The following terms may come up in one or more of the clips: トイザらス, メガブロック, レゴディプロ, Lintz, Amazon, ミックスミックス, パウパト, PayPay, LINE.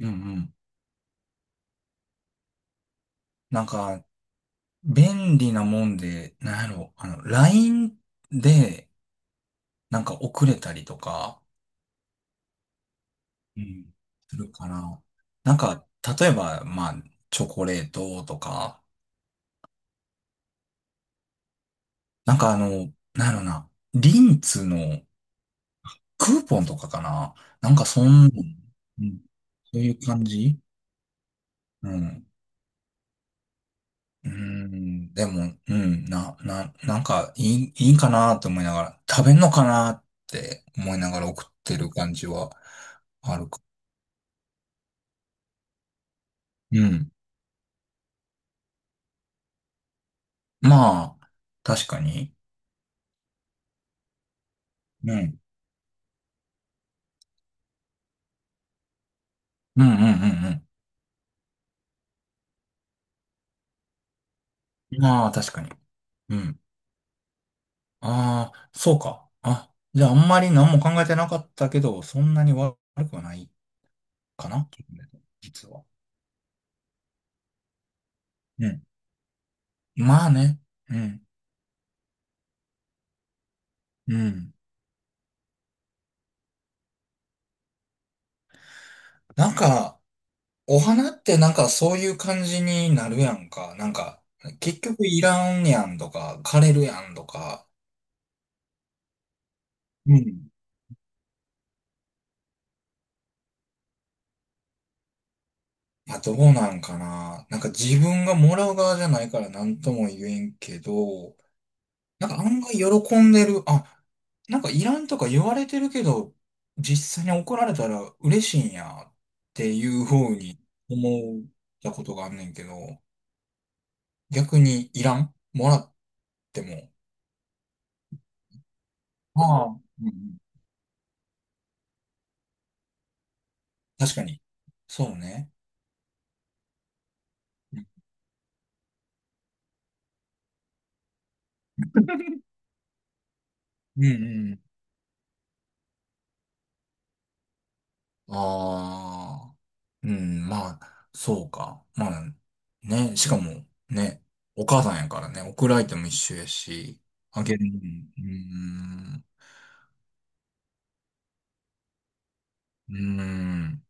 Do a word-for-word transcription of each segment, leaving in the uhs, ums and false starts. うんうん。なんか、便利なもんで、なんやろ、あの、ライン で、なんか遅れたりとか、うん。するかな。なんか、例えば、まあ、チョコレートとか、なんかあの、なんやろな、リンツのクーポンとかかな。なんかそん、うん、そういう感じ。うん。うーん、でも、うん、な、な、なんか、いい、いいかなと思いながら、食べんのかなって思いながら送ってる感じはあるか。うん。まあ、確かに。うん。うんうんうんうん。まあ、確かに。うん。ああ、そうか。あ、じゃあ、あんまり何も考えてなかったけど、そんなに悪くはないかな、実は。うん。まあね。うん。うん。なんか、お花ってなんかそういう感じになるやんか。なんか、結局いらんやんとか、枯れるやんとか。うん。まあどうなんかな。なんか自分がもらう側じゃないから何とも言えんけど、なんか案外喜んでる。あ、なんかいらんとか言われてるけど、実際に怒られたら嬉しいんやっていう風に思ったことがあんねんけど、逆にいらんもらっても。ああ。うんうん、確かに。そうね。うんうん。ああ、うん、まあ、そうか。まあ、ね、しかも、ね、お母さんやからね、送る相手も一緒やし、あげるのも、うーん、うーん、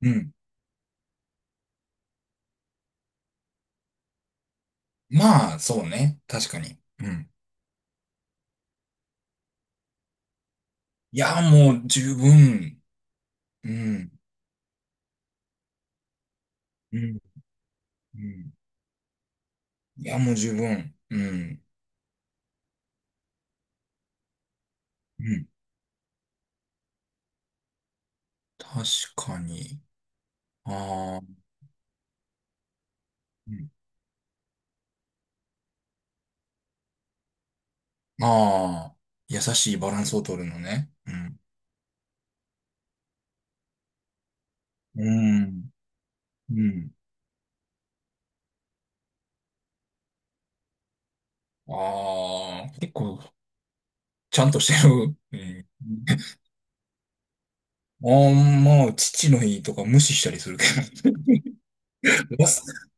うん。まあ、そうね、確かに。うん。いや、もう十分、うん、うん、うん。いや、もう十分、うん、うん。確かに。ああ、うん、ああ、優しいバランスを取るのね。うん、うん。うん。ああ、結構、ちゃんとしてる。うん、あんまあ、父の日とか無視したりするけど。忘、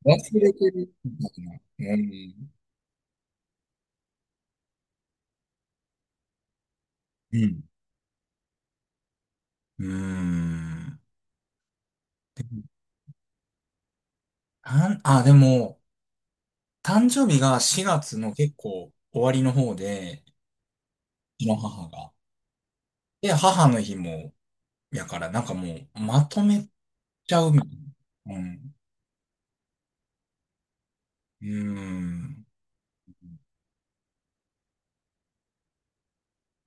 忘れてるみたいな。うん。うん。うーん。たんあ、でも、誕生日がしがつの結構終わりの方で、うちの母が。で、母の日も、やから、なんかもう、まとめちゃうみたいな。うん。うーん。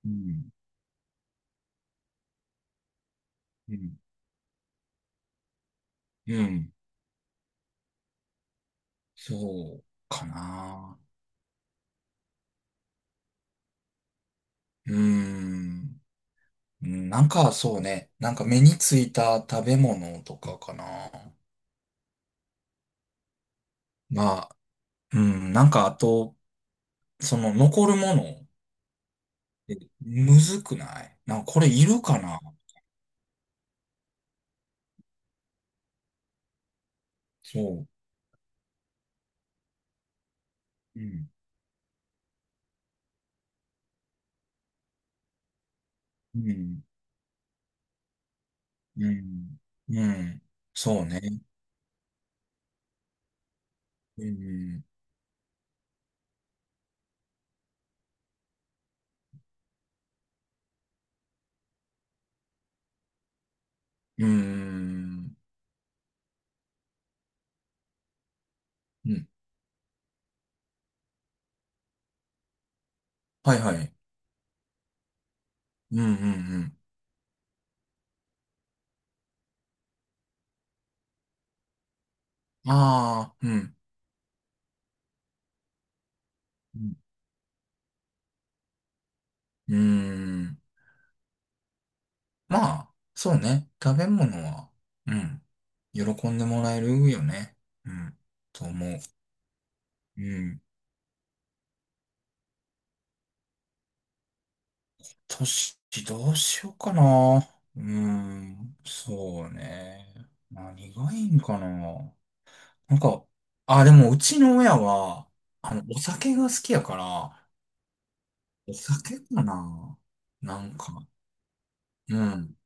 うん。うん。うん。そうかな。うーん。なんかそうね。なんか目についた食べ物とかかな。まあ、うん。なんかあと、その残るもの、えむずくない？なんかこれいるかな？そう。うん。うん。うん。うん。そうね。うん。うん。うん。はいはい。うんうんうん。ああ、うん。うん。うん、まあ、そうね。食べ物は、うん。喜んでもらえるよね。うん。と思う。うん。年、どうしようかな。うん。そうね。何がいいんかな。なんか、あ、でも、うちの親は、あの、お酒が好きやから、お酒かな。なんか、うん。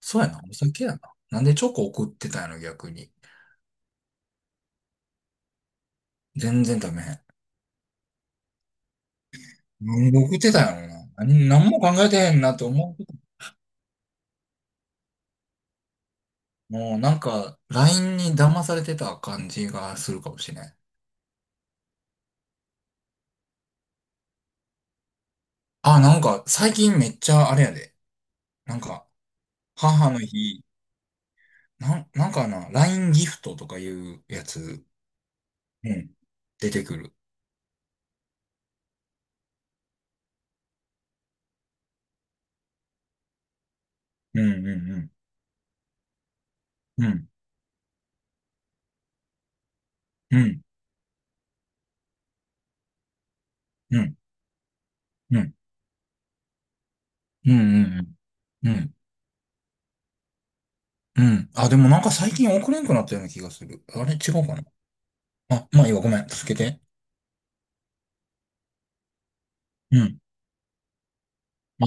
そうやな。お酒やな。なんでチョコ送ってたんやろ、逆に。全然ダメ。送僕ってたよな。何、何も考えてへんなと思う。もうなんか、ライン に騙されてた感じがするかもしれない。あ、なんか、最近めっちゃあれやで。なんか、母の日、なん、なんかな、ライン ギフトとかいうやつ、うん、出てくる。うんうんうん。うん、うん、うん、うん、うん、うん、うん。うん、あ、でもなんか最近送れんくなったような気がする。あれ違うかな。あ、まあいいわ、ごめん。続けて。うん。あ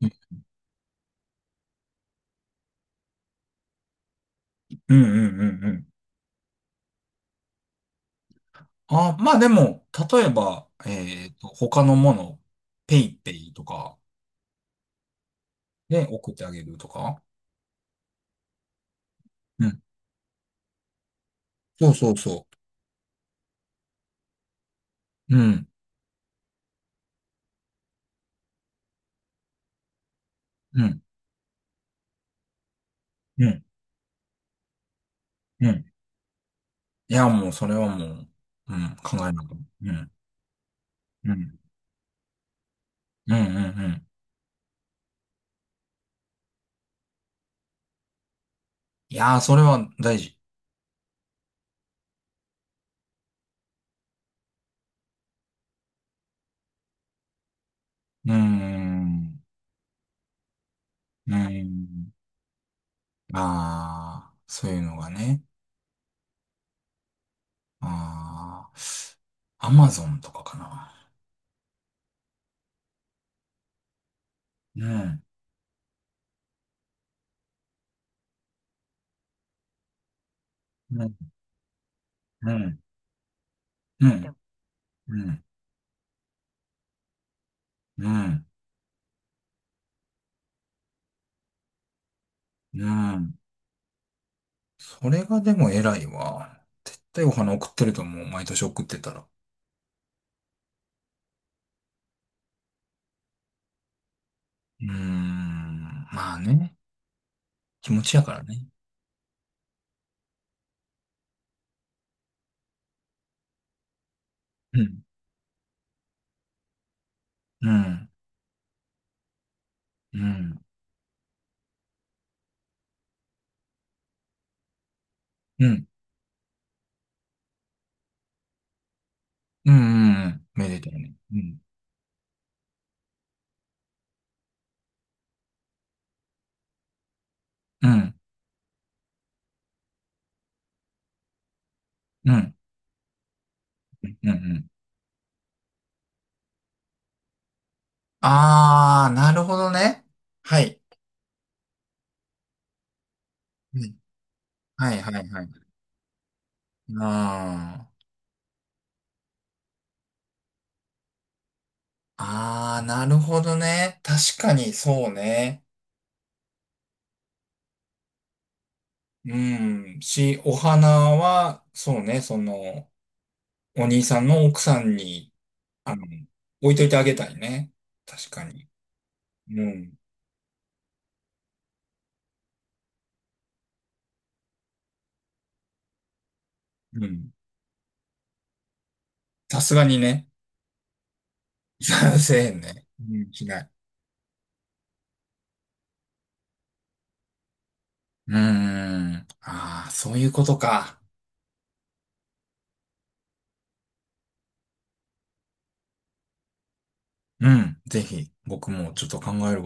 あ。うんうんうんうん、あ、まあでも、例えば、えっと、他のもの、ペイペイとかで送ってあげるとか。うん。そうそうそう。うん。うん。うん。うん。いや、もう、それはもう、うん、考えなくて。うん。うん。うん。うん。うん、いやー、それは大事。うーん。うーん。ああ、そういうのがね。ああ、アマゾンとかかな。うん。うん。うん。うん。うん。うん。うん。それがでも偉いわ。絶対お花送ってると思う。毎年送ってたら。うーん。まあね。気持ちやからね。うん。うん。うん。うん。うん。うん、めでたいね。うん。うん。うん。うん。うん、あー、なるほどね。はい。うん、はい、はい、はい。あー。あー、なるほどね。確かに、そうね。うん。し、お花は、そうね、その、お兄さんの奥さんに、あの、置いといてあげたいね。確かに。うん。うん。さすがにね。せえへんね。うん、しない。うーん。ああ、そういうことか。うん。ぜひ、僕もちょっと考える